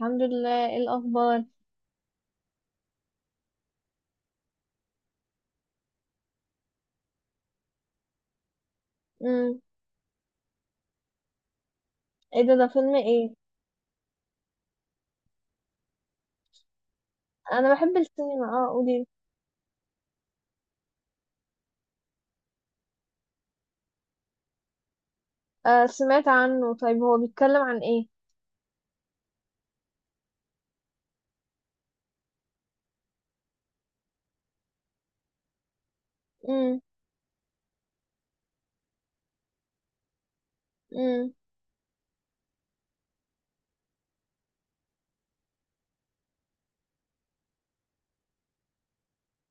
الحمد لله، ايه الاخبار؟ امم. ايه ده؟ ده فيلم ايه؟ انا بحب السينما. اه، قولي. آه، سمعت عنه. طيب، هو بيتكلم عن ايه؟ امم. امم.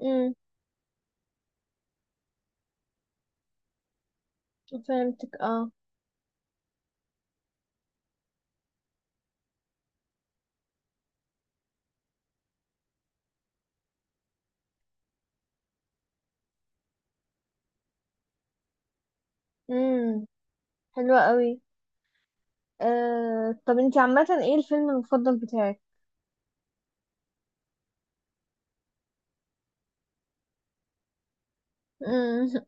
امم. فهمتك. اه. امم. حلوة قوي. آه، طب انتي عامة، ايه الفيلم المفضل بتاعك؟ امم.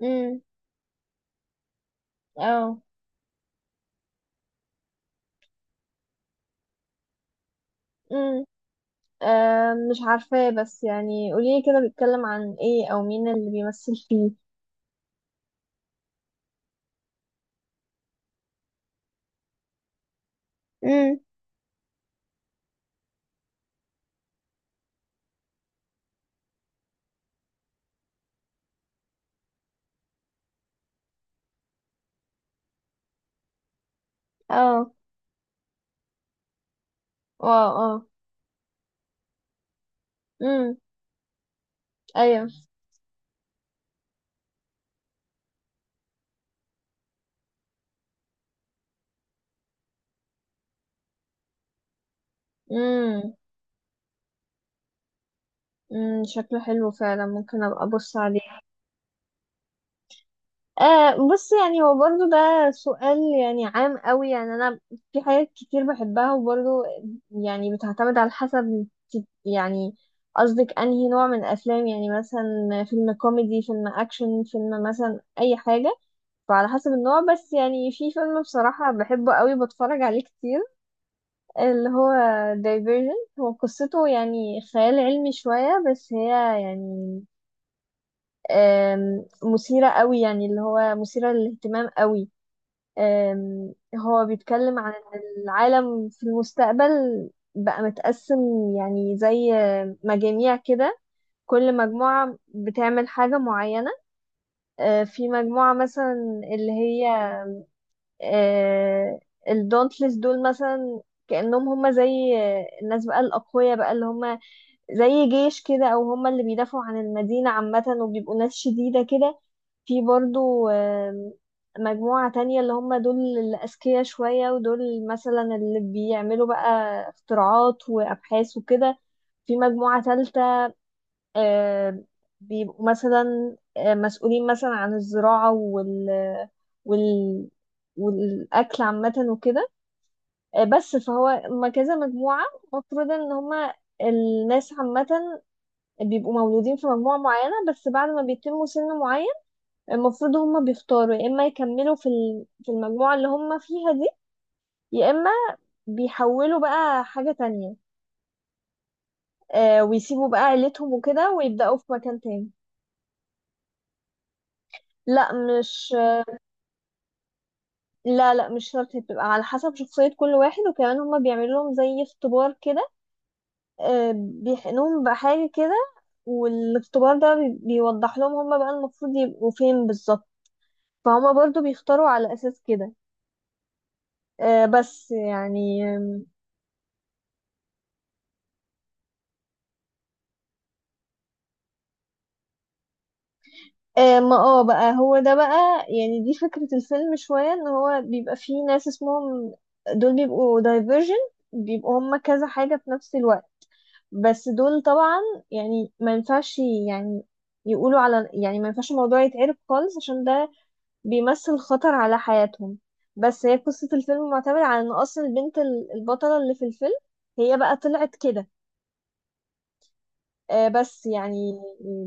امم. اه. امم. آه، مش عارفاه، بس يعني قولي كده، بيتكلم عن ايه او مين اللي بيمثل فيه؟ امم. اه. واو. اه. امم. ايوه. مم. امم، شكله حلو فعلا. ممكن ابقى ابص عليه. آه، بص، يعني هو برضو ده سؤال يعني عام قوي، يعني انا في حاجات كتير بحبها، وبرضو يعني بتعتمد على حسب يعني قصدك انهي نوع من الافلام، يعني مثلا فيلم كوميدي، فيلم اكشن، فيلم مثلا اي حاجة. فعلى حسب النوع، بس يعني في فيلم بصراحة بحبه قوي، بتفرج عليه كتير، اللي هو دايفيرجن. هو قصته يعني خيال علمي شوية، بس هي يعني مثيرة قوي، يعني اللي هو مثيرة للاهتمام قوي. هو بيتكلم عن إن العالم في المستقبل بقى متقسم، يعني زي مجاميع كده، كل مجموعة بتعمل حاجة معينة. في مجموعة مثلا اللي هي آه، الدونتلس دول مثلا، كأنهم هم زي الناس بقى الأقوياء بقى، اللي هم زي جيش كده، أو هم اللي بيدافعوا عن المدينة عامة وبيبقوا ناس شديدة كده. في برضو مجموعة تانية، اللي هم دول الأذكياء شوية، ودول مثلا اللي بيعملوا بقى اختراعات وأبحاث وكده. في مجموعة تالتة آم، بيبقوا مثلا مسؤولين مثلا عن الزراعة وال والأكل عامة وكده. بس فهو ما كذا مجموعة، المفروض إن هما الناس عامة بيبقوا مولودين في مجموعة معينة، بس بعد ما بيتموا سن معين المفروض هما بيختاروا، يا اما يكملوا في المجموعة اللي هما فيها دي، يا اما بيحولوا بقى حاجة تانية، ويسيبوا بقى عيلتهم وكده، ويبدأوا في مكان تاني. لا. مش لا، لا، مش شرط. هي بتبقى على حسب شخصية كل واحد، وكمان هما بيعملوا لهم زي اختبار كده، بيحقنوهم بحاجة كده. والاختبار ده بيوضح لهم هما بقى المفروض يبقوا فين بالظبط. فهما برضو بيختاروا على أساس كده. بس يعني، ما بقى هو ده بقى، يعني دي فكرة الفيلم شوية، ان هو بيبقى فيه ناس اسمهم دول بيبقوا دايفرجن، بيبقوا هما كذا حاجة في نفس الوقت. بس دول طبعا يعني ما ينفعش، يعني يقولوا على، يعني ما ينفعش الموضوع يتعرف خالص، عشان ده بيمثل خطر على حياتهم. بس هي قصة الفيلم معتمدة على ان اصلا البنت البطلة اللي في الفيلم هي بقى طلعت كده. بس يعني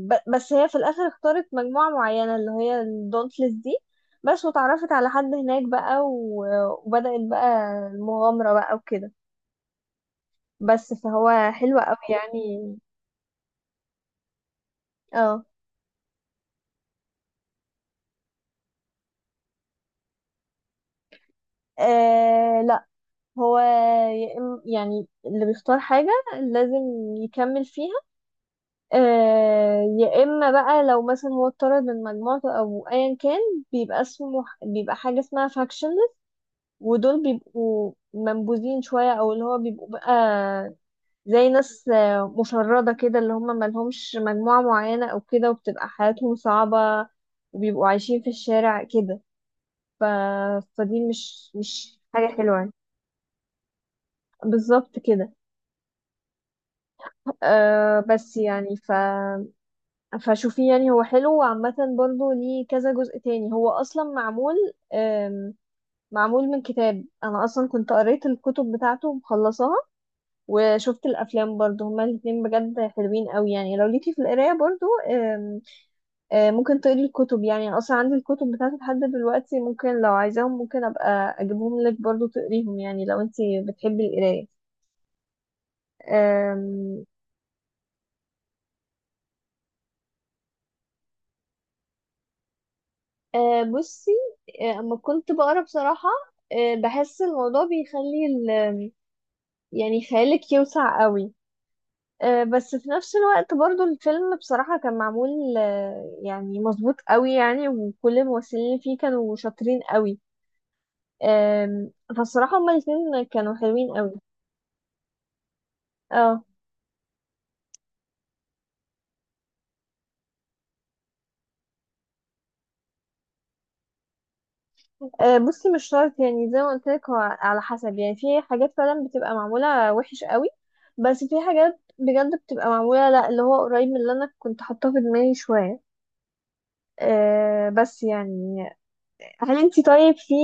بس هي في الاخر اختارت مجموعة معينة اللي هي الدونتلس دي. بس وتعرفت على حد هناك بقى، وبدأت بقى المغامرة بقى وكده. بس فهو حلو قوي يعني. اه. آه، لا، هو يا يعني اللي بيختار حاجة لازم يكمل فيها. يا إما بقى لو مثلا هو اتطرد من مجموعته أو أيا كان، بيبقى اسمه، بيبقى حاجة اسمها faction. ودول بيبقوا منبوذين شوية، أو اللي هو بيبقوا بقى زي ناس مشردة كده، اللي هم ملهمش مجموعة معينة أو كده، وبتبقى حياتهم صعبة وبيبقوا عايشين في الشارع كده. ف... فدي مش مش حاجة حلوة يعني. بالظبط كده. أه، بس يعني فشوفيه، يعني هو حلو، وعامة برضه ليه كذا جزء تاني. هو أصلا معمول أم... معمول من كتاب. أنا أصلا كنت قريت الكتب بتاعته ومخلصاها، وشفت الافلام برضو، هما الاثنين بجد حلوين قوي يعني. لو ليكي في القرايه برضو ممكن تقري الكتب، يعني انا اصلا عندي الكتب بتاعتي لحد دلوقتي، ممكن لو عايزاهم ممكن ابقى اجيبهم لك برضو تقريهم، يعني لو انت بتحبي القرايه. آم، بصي، اما كنت بقرا بصراحه، بحس الموضوع بيخلي يعني خيالك يوسع قوي. بس في نفس الوقت برضو الفيلم بصراحة كان معمول يعني مظبوط قوي يعني، وكل الممثلين اللي فيه كانوا شاطرين قوي. آم، فالصراحة هما الاتنين كانوا حلوين قوي. اه. بصي مش شرط، يعني زي ما قلت لك، هو على حسب، يعني في حاجات فعلا بتبقى معمولة وحش قوي، بس في حاجات بجد بتبقى معمولة لا اللي هو قريب من اللي انا كنت حاطاه في دماغي شوية. بس يعني، هل انت طيب في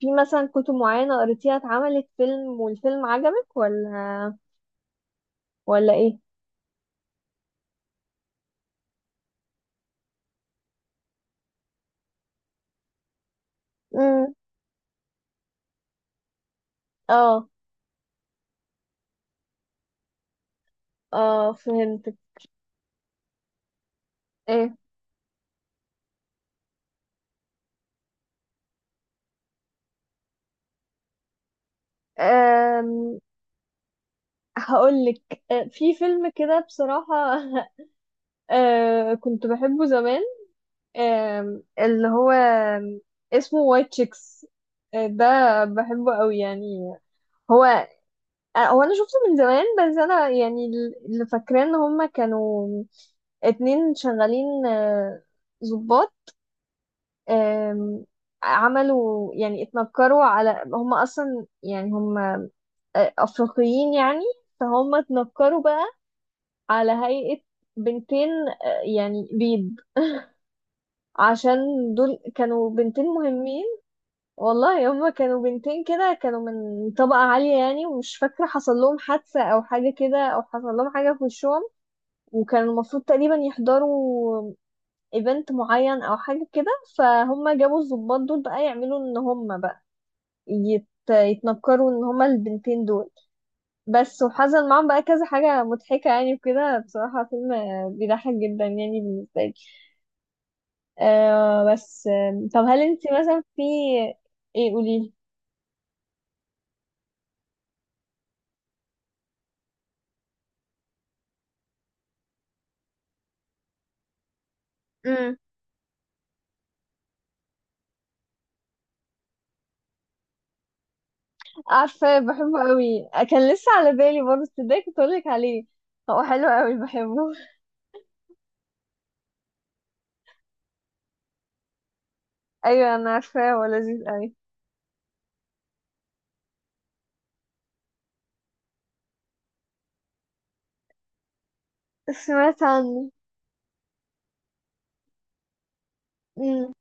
في مثلا كتب معينة قريتيها اتعملت فيلم، والفيلم عجبك ولا ولا ايه؟ امم. اه. اه. فهمتك. ايه؟ أم... هقولك، في فيلم كده بصراحة كنت بحبه زمان. اللي هو اسمه وايت شيكس ده، بحبه قوي يعني. هو هو انا شفته من زمان، بس انا يعني اللي فاكراه ان هما كانوا اتنين شغالين ضباط. آم، عملوا يعني اتنكروا، على هم اصلا يعني هم افريقيين يعني، فهم اتنكروا بقى على هيئة بنتين يعني بيض، عشان دول كانوا بنتين مهمين. والله هم كانوا بنتين كده، كانوا من طبقة عالية يعني، ومش فاكرة حصل لهم حادثة او حاجة كده، او حصل لهم حاجة في وشهم، وكان المفروض تقريبا يحضروا ايفنت معين او حاجة كده. فهم جابوا الضباط دول بقى يعملوا ان هم بقى يتنكروا ان هما البنتين دول. بس وحصل معاهم بقى كذا حاجة مضحكة يعني وكده، بصراحة فيلم بيضحك جدا يعني بالنسبة لي. بس، طب هل انت مثلا في. ايه؟ قولي. امم. عارفة، بحبه قوي، كان لسه على بالي برضه، تصدقي كنت اقولك عليه. هو حلو قوي، بحبه. ايوه، انا عارفاه، هو لذيذ قوي. سمعت عنه. امم.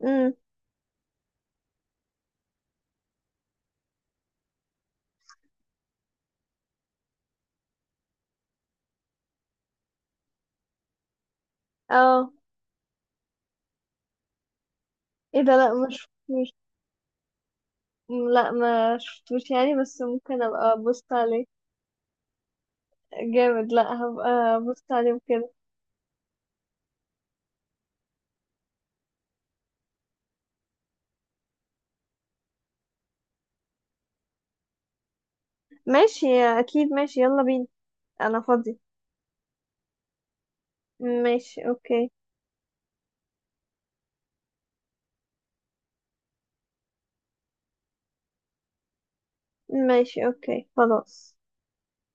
امم. اه. ايه ده؟ لا، مش. لا، ما شفتوش يعني، بس ممكن ابقى ابص عليه. جامد. لا، هبقى ابص عليه وكده. ماشي، اكيد ماشي، يلا بينا. انا فاضي. ماشي، اوكي. ماشي، اوكي، خلاص.